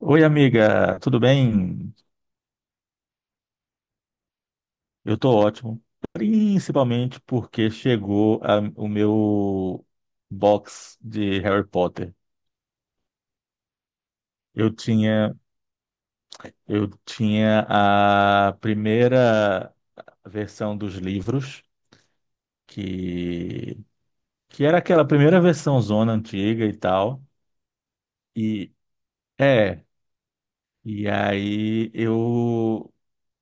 Oi, amiga, tudo bem? Eu tô ótimo, principalmente porque chegou o meu box de Harry Potter. Eu tinha, eu tinha a primeira versão dos livros, que, que era aquela primeira versão zona antiga e tal. E é, e aí eu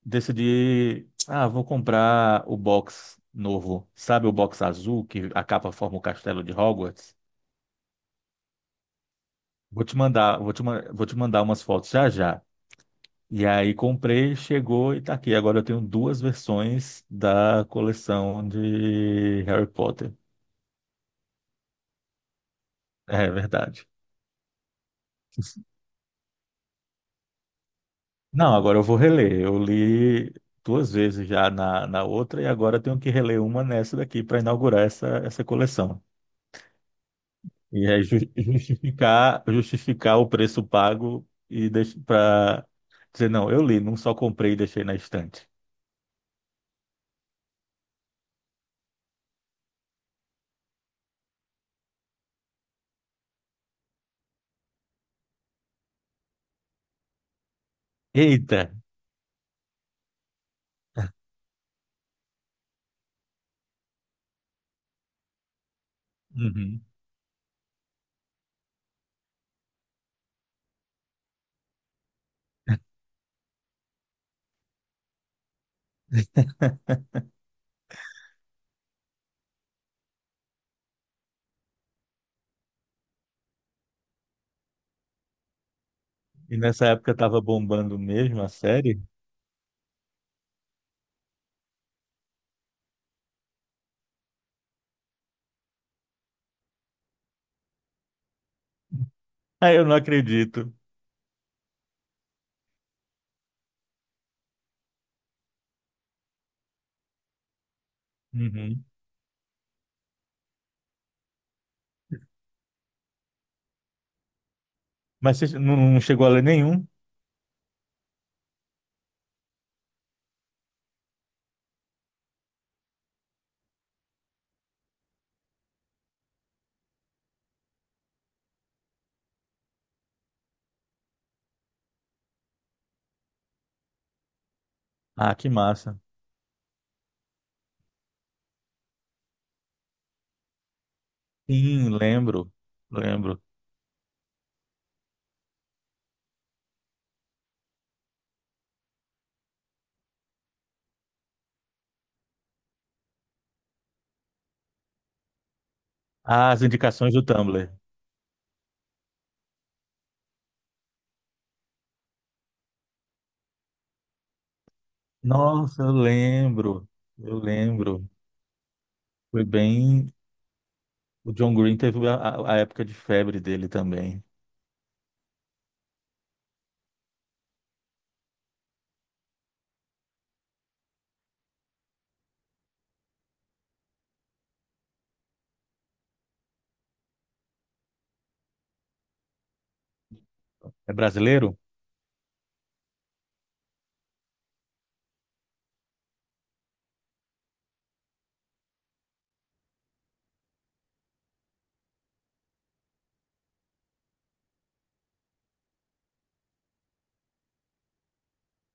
decidi, ah, vou comprar o box novo, sabe o box azul que a capa forma o castelo de Hogwarts? Vou te mandar umas fotos já já. E aí comprei, chegou e tá aqui. Agora eu tenho duas versões da coleção de Harry Potter. É verdade. Não, agora eu vou reler. Eu li duas vezes já na outra e agora eu tenho que reler uma nessa daqui para inaugurar essa coleção. Justificar o preço pago e para dizer, não, eu li, não só comprei e deixei na estante. Eita! Uhum. E nessa época estava bombando mesmo a série? Ah, eu não acredito. Uhum. Mas você não chegou a ler nenhum? Ah, que massa. Sim, lembro. Lembro. Ah, as indicações do Tumblr. Nossa, eu lembro. Eu lembro. Foi bem. O John Green teve a época de febre dele também. É brasileiro?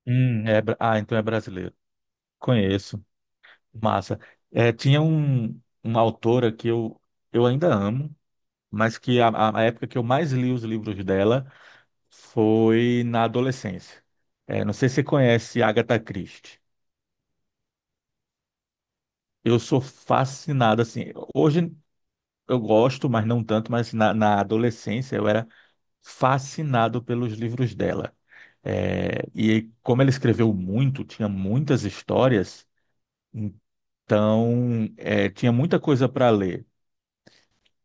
Ah, então é brasileiro. Conheço. Massa. Tinha uma autora que eu ainda amo, mas que a época que eu mais li os livros dela foi na adolescência. Não sei se você conhece Agatha Christie. Eu sou fascinado, assim. Hoje eu gosto, mas não tanto, mas na adolescência eu era fascinado pelos livros dela. E como ela escreveu muito, tinha muitas histórias. Então, tinha muita coisa para ler.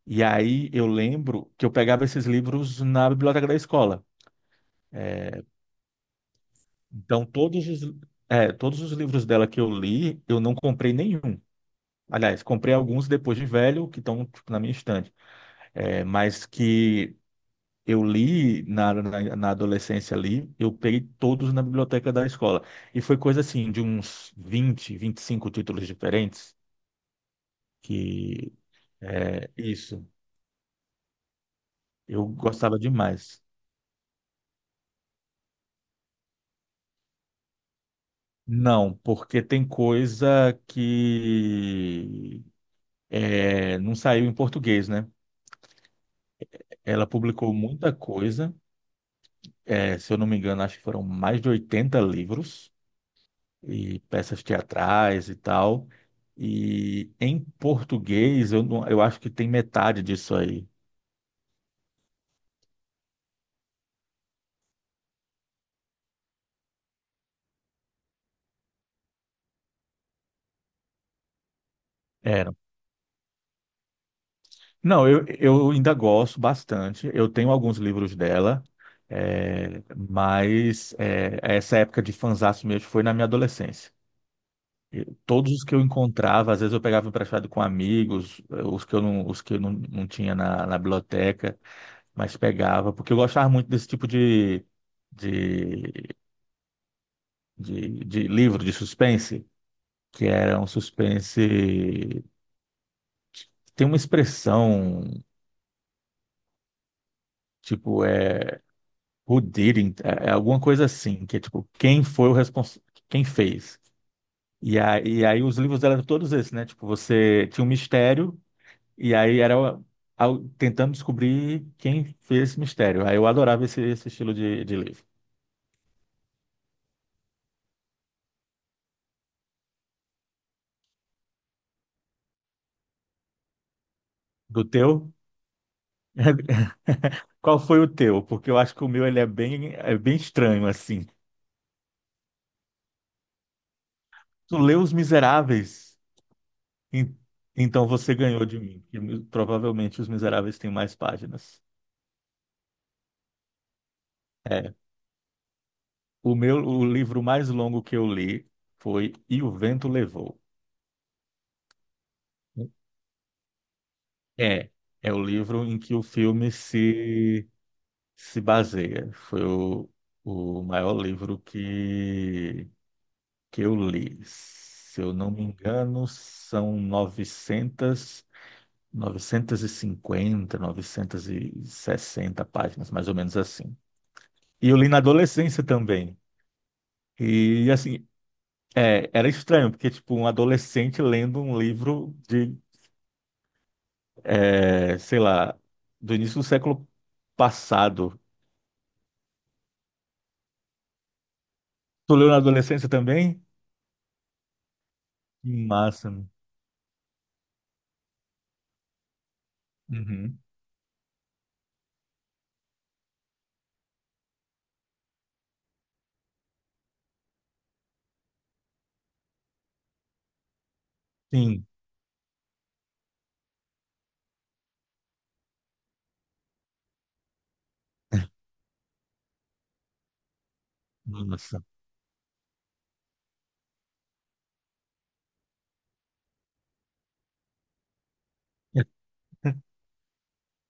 E aí eu lembro que eu pegava esses livros na biblioteca da escola. Então, todos os livros dela que eu li, eu não comprei nenhum. Aliás, comprei alguns depois de velho, que estão, tipo, na minha estante. Mas que eu li na adolescência ali, eu peguei todos na biblioteca da escola. E foi coisa assim, de uns 20, 25 títulos diferentes, que é isso. Eu gostava demais. Não, porque tem coisa que não saiu em português, né? Ela publicou muita coisa, se eu não me engano, acho que foram mais de 80 livros e peças teatrais e tal. E em português, eu, não- eu acho que tem metade disso aí. Era. Não, eu ainda gosto bastante. Eu tenho alguns livros dela, mas essa época de fanzaço mesmo foi na minha adolescência. Todos os que eu encontrava, às vezes eu pegava emprestado com amigos, os que eu não, os que eu não, não tinha na biblioteca, mas pegava, porque eu gostava muito desse tipo de, de livro, de suspense, que era um suspense. Tem uma expressão, tipo, é who did it, é alguma coisa assim, que é tipo, quem foi o responsável, quem fez. E aí, os livros eram todos esses, né? Tipo, você tinha um mistério. E aí tentando descobrir quem fez esse mistério. Aí eu adorava esse estilo de livro. Do teu? Qual foi o teu? Porque eu acho que o meu ele é bem estranho, assim. Tu leu Os Miseráveis? En- Então você ganhou de mim, que provavelmente Os Miseráveis tem mais páginas. É. O livro mais longo que eu li foi E o Vento Levou. É, é o livro em que o filme se baseia. Foi o maior livro que eu li. Se eu não me engano, são 960 páginas, mais ou menos assim. E eu li na adolescência também. E assim, era estranho, porque tipo, um adolescente lendo um livro de, sei lá, do início do século passado. Tu leu na adolescência também? Que massa. Uhum. Sim. Massa.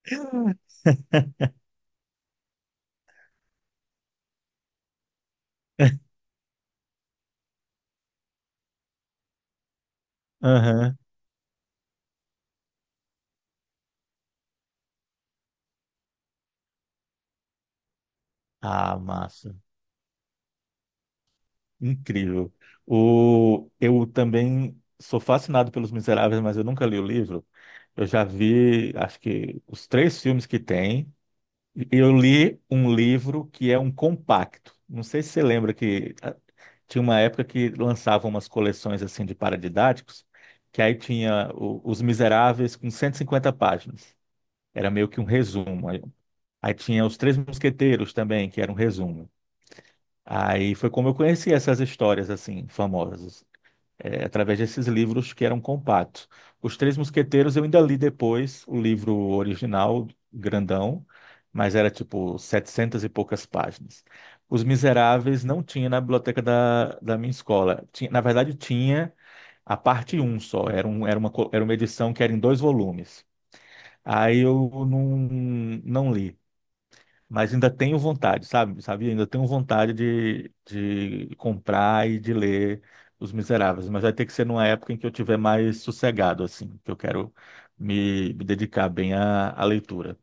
Aham. Ah, massa. Incrível. Eu também sou fascinado pelos Miseráveis, mas eu nunca li o livro. Eu já vi, acho que, os três filmes que tem. Eu li um livro que é um compacto. Não sei se você lembra que tinha uma época que lançavam umas coleções assim de paradidáticos, que aí tinha Os Miseráveis com 150 páginas. Era meio que um resumo. Aí tinha Os Três Mosqueteiros também, que era um resumo. Aí foi como eu conheci essas histórias assim famosas, através desses livros que eram compactos. Os Três Mosqueteiros eu ainda li depois o livro original, grandão, mas era tipo 700 e poucas páginas. Os Miseráveis não tinha na biblioteca da minha escola. Tinha, na verdade, tinha a parte um só, era, um, era, uma, co- era uma edição que era em dois volumes. Aí eu não li. Mas ainda tenho vontade, sabe? Sabe? Ainda tenho vontade de comprar e de ler Os Miseráveis, mas vai ter que ser numa época em que eu tiver mais sossegado, assim, que eu quero me dedicar bem à leitura.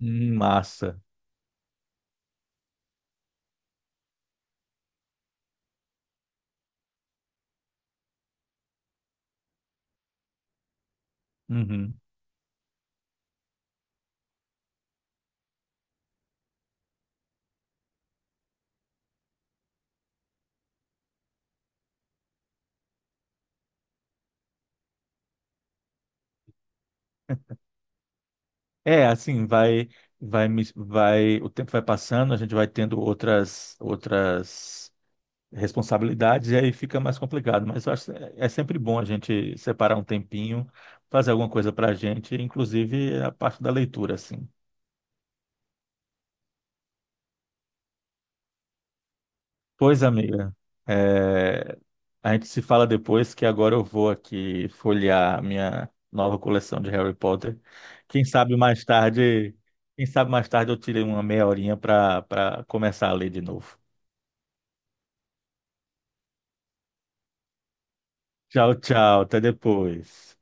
Massa. Uhum. Assim, o tempo vai passando, a gente vai tendo outras responsabilidades e aí fica mais complicado. Mas eu acho que é sempre bom a gente separar um tempinho, fazer alguma coisa para a gente, inclusive a parte da leitura, assim. Pois, amiga, é, a gente se fala depois que agora eu vou aqui folhear minha nova coleção de Harry Potter. Quem sabe mais tarde, quem sabe mais tarde eu tirei uma meia horinha para começar a ler de novo. Tchau, tchau, até depois.